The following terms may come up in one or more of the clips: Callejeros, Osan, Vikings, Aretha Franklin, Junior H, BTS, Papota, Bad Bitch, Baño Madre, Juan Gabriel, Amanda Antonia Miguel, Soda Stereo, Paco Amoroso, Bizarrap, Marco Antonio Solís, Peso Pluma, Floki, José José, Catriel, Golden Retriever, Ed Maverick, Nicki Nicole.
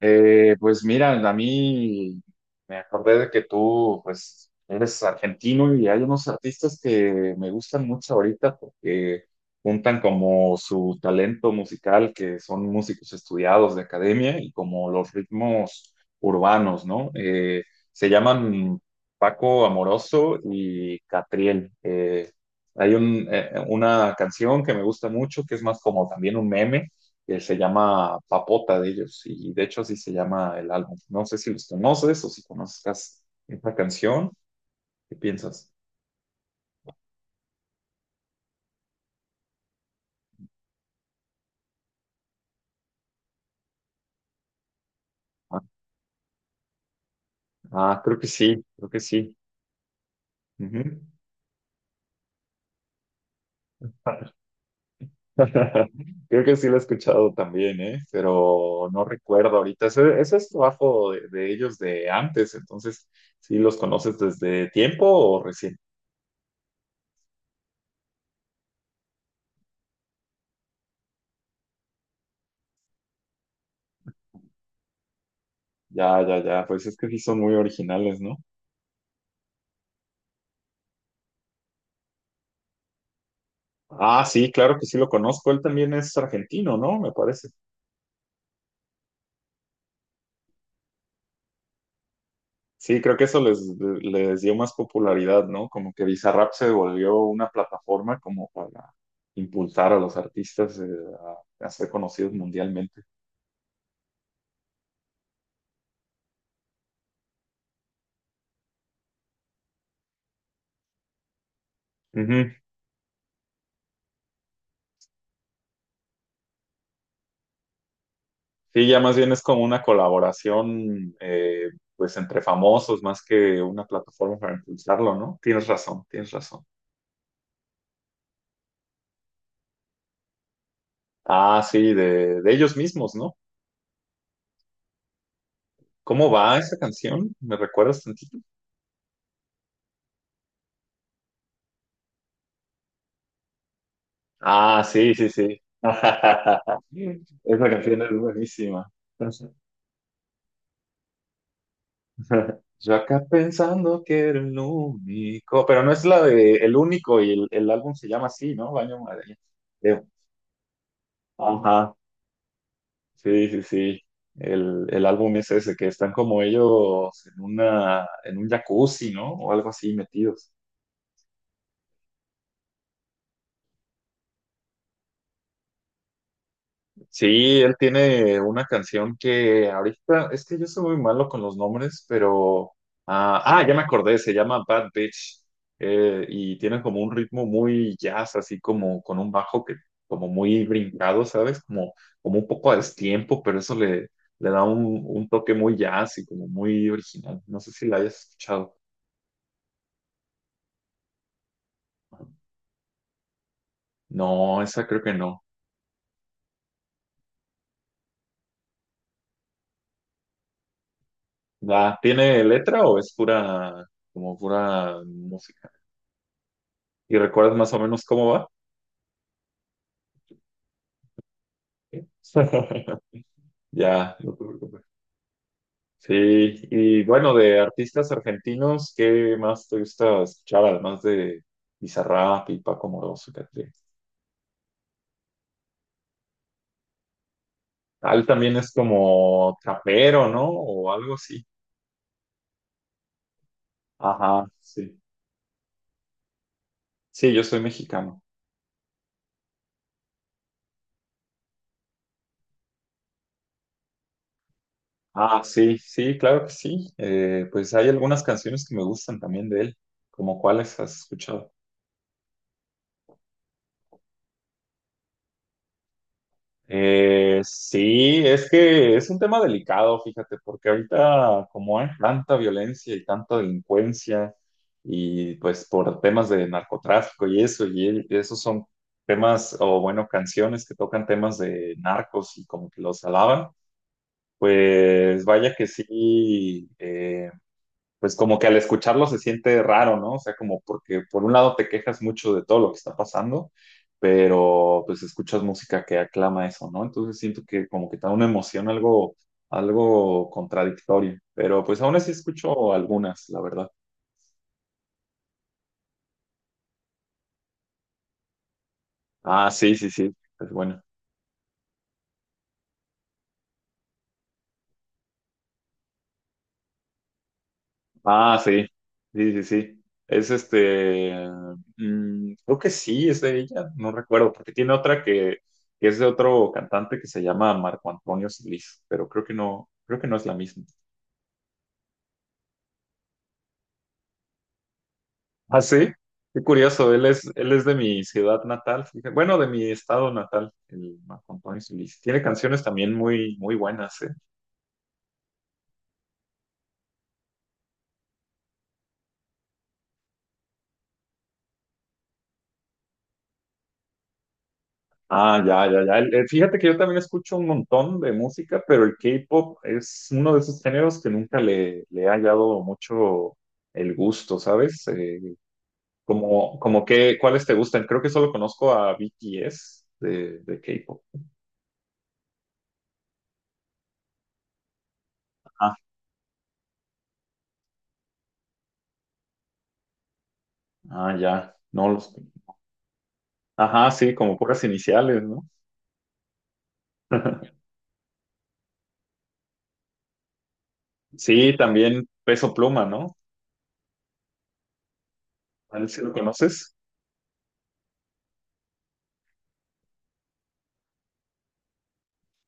Pues mira, a mí me acordé de que tú, pues, eres argentino y hay unos artistas que me gustan mucho ahorita porque juntan como su talento musical, que son músicos estudiados de academia, y como los ritmos urbanos, ¿no? Se llaman Paco Amoroso y Catriel. Hay una canción que me gusta mucho, que es más como también un meme que se llama Papota de ellos, y de hecho así se llama el álbum. No sé si los conoces o si conozcas esta canción. ¿Qué piensas? Ah, ah, creo que sí, creo que sí. Ujú. Creo que sí lo he escuchado también, ¿eh? Pero no recuerdo ahorita. Ese es trabajo de ellos de antes, entonces, ¿sí los conoces desde tiempo o recién? Ya, ya, ya, pues es que sí son muy originales, ¿no? Ah, sí, claro que sí lo conozco. Él también es argentino, ¿no? Me parece. Sí, creo que eso les dio más popularidad, ¿no? Como que Bizarrap se volvió una plataforma como para impulsar a los artistas, a ser conocidos mundialmente. Ujú. Sí, ya más bien es como una colaboración, pues entre famosos más que una plataforma para impulsarlo, ¿no? Tienes razón, tienes razón. Ah, sí, de ellos mismos, ¿no? ¿Cómo va esa canción? ¿Me recuerdas tantito? Ah, sí, sí, sí. Esa canción es buenísima. Yo acá pensando que era el único, pero no es la de El Único, y el álbum se llama así, ¿no? Baño Madre. Eh, Ajá, sí, sí, sí. El álbum es ese, que están como ellos en un jacuzzi, ¿no? O algo así metidos. Sí, él tiene una canción que ahorita, es que yo soy muy malo con los nombres, pero... Ah, ah, ya me acordé, se llama Bad Bitch. Y tiene como un ritmo muy jazz, así como con un bajo que como muy brincado, ¿sabes? Como un poco a destiempo, pero eso le da un toque muy jazz y como muy original. No sé si la hayas escuchado. No, esa creo que no. ¿La tiene letra o es pura, como pura música? ¿Y recuerdas más o menos cómo va? Ya, no te preocupes. Sí, y bueno, de artistas argentinos, ¿qué más te gusta escuchar? Además de Bizarrap y Paco Moroso, Ah, también es como trapero, ¿no? O algo así. Ajá, sí. Sí, yo soy mexicano. Ah, sí, sí, claro que sí. Pues hay algunas canciones que me gustan también de él. ¿Como cuáles has escuchado? Sí, es que es un tema delicado, fíjate, porque ahorita como hay tanta violencia y tanta delincuencia y pues por temas de narcotráfico y eso, y esos son temas, o bueno, canciones que tocan temas de narcos y como que los alaban, pues vaya que sí. Pues como que al escucharlo se siente raro, ¿no? O sea, como porque por un lado te quejas mucho de todo lo que está pasando, pero pues escuchas música que aclama eso, ¿no? Entonces siento que como que te da una emoción algo contradictorio, pero pues aún así escucho algunas, la verdad. Ah, sí, sí, sí, es bueno. Ah, sí, sí, sí, sí. Es este, creo que sí, es de ella, no recuerdo, porque tiene otra que es de otro cantante que se llama Marco Antonio Solís, pero creo que no es la misma. Ah, sí, qué curioso, él es de mi ciudad natal, fíjate. Bueno, de mi estado natal, el Marco Antonio Solís. Tiene canciones también muy, muy buenas, ¿eh? Ah, ya, ya, ya. Fíjate que yo también escucho un montón de música, pero el K-pop es uno de esos géneros que nunca le he hallado mucho el gusto, ¿sabes? Como que, ¿cuáles te gustan? Creo que solo conozco a BTS de K-pop. Ah, ah, ya. No los. Ajá, sí, como puras iniciales, ¿no? Sí, también Peso Pluma, ¿no? A ver si lo conoces.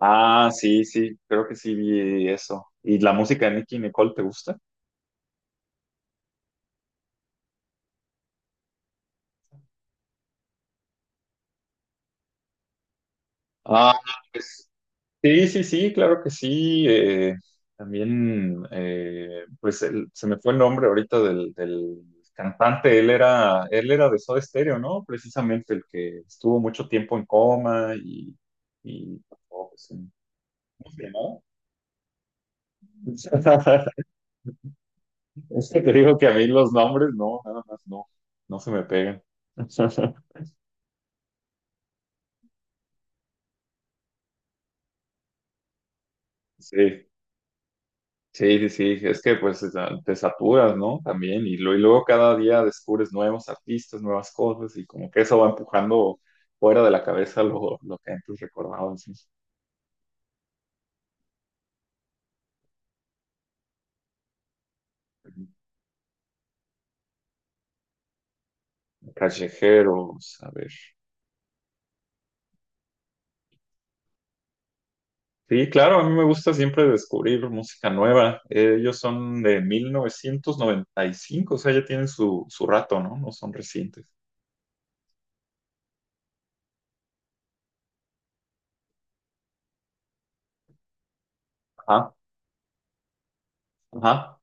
Ah, sí, sí, creo que sí vi eso. ¿Y la música de Nicki Nicole te gusta? Ah, pues, sí, sí, sí, claro que sí. También, pues se me fue el nombre ahorita del cantante. Él era de Soda Stereo, ¿no? Precisamente el que estuvo mucho tiempo en coma y oh, pues, ¿cómo se llamaba? Es que te digo que a mí los nombres, no, nada más no se me pegan. Sí. Sí, sí, sí, es que pues te saturas, ¿no? También, y, y luego cada día descubres nuevos artistas, nuevas cosas, y como que eso va empujando fuera de la cabeza lo que antes recordabas, ¿no? Callejeros, a ver. Sí, claro, a mí me gusta siempre descubrir música nueva. Ellos son de 1995, o sea, ya tienen su, su rato, ¿no? No son recientes. Ajá, ajá.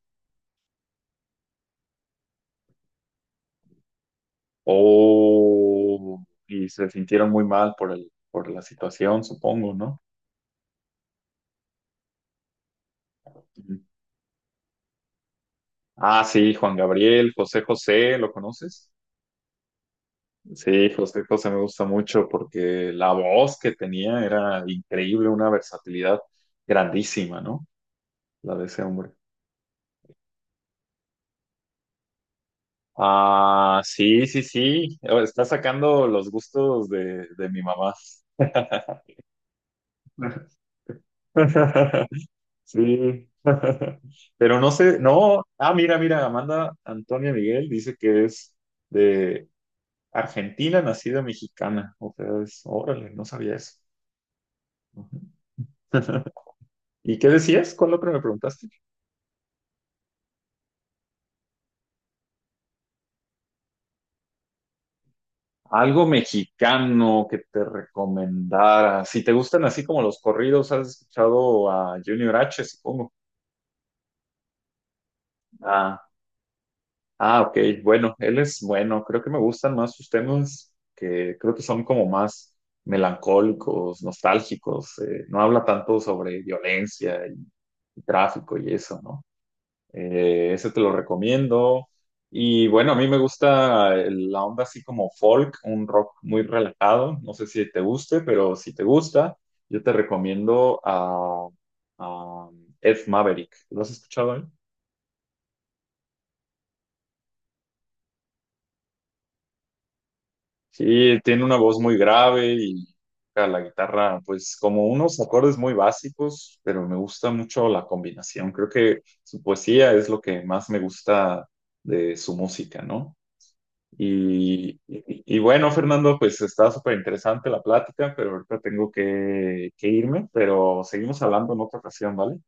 Oh, y se sintieron muy mal por la situación, supongo, ¿no? Ah, sí, Juan Gabriel, José José, ¿lo conoces? Sí, José José me gusta mucho porque la voz que tenía era increíble, una versatilidad grandísima, ¿no? La de ese hombre. Ah, sí, sí, sí. Oh, está sacando los gustos de mi mamá. Sí, pero no sé, no, ah, mira, mira, Amanda Antonia Miguel dice que es de Argentina, nacida mexicana, o sea, es, órale, no sabía eso. ¿Y qué decías? ¿Cuál otro me preguntaste? Algo mexicano que te recomendara. Si te gustan así como los corridos, has escuchado a Junior H, supongo. Ah, ah, ok. Bueno, él es bueno. Creo que me gustan más sus temas que creo que son como más melancólicos, nostálgicos. No habla tanto sobre violencia y tráfico y eso, ¿no? Ese te lo recomiendo. Y bueno, a mí me gusta la onda así como folk, un rock muy relajado. No sé si te guste, pero si te gusta, yo te recomiendo a Ed Maverick. ¿Lo has escuchado él? Sí, tiene una voz muy grave y toca la guitarra, pues como unos acordes muy básicos, pero me gusta mucho la combinación. Creo que su poesía es lo que más me gusta de su música, ¿no? Y bueno, Fernando, pues está súper interesante la plática, pero ahorita tengo que irme, pero seguimos hablando en otra ocasión, ¿vale?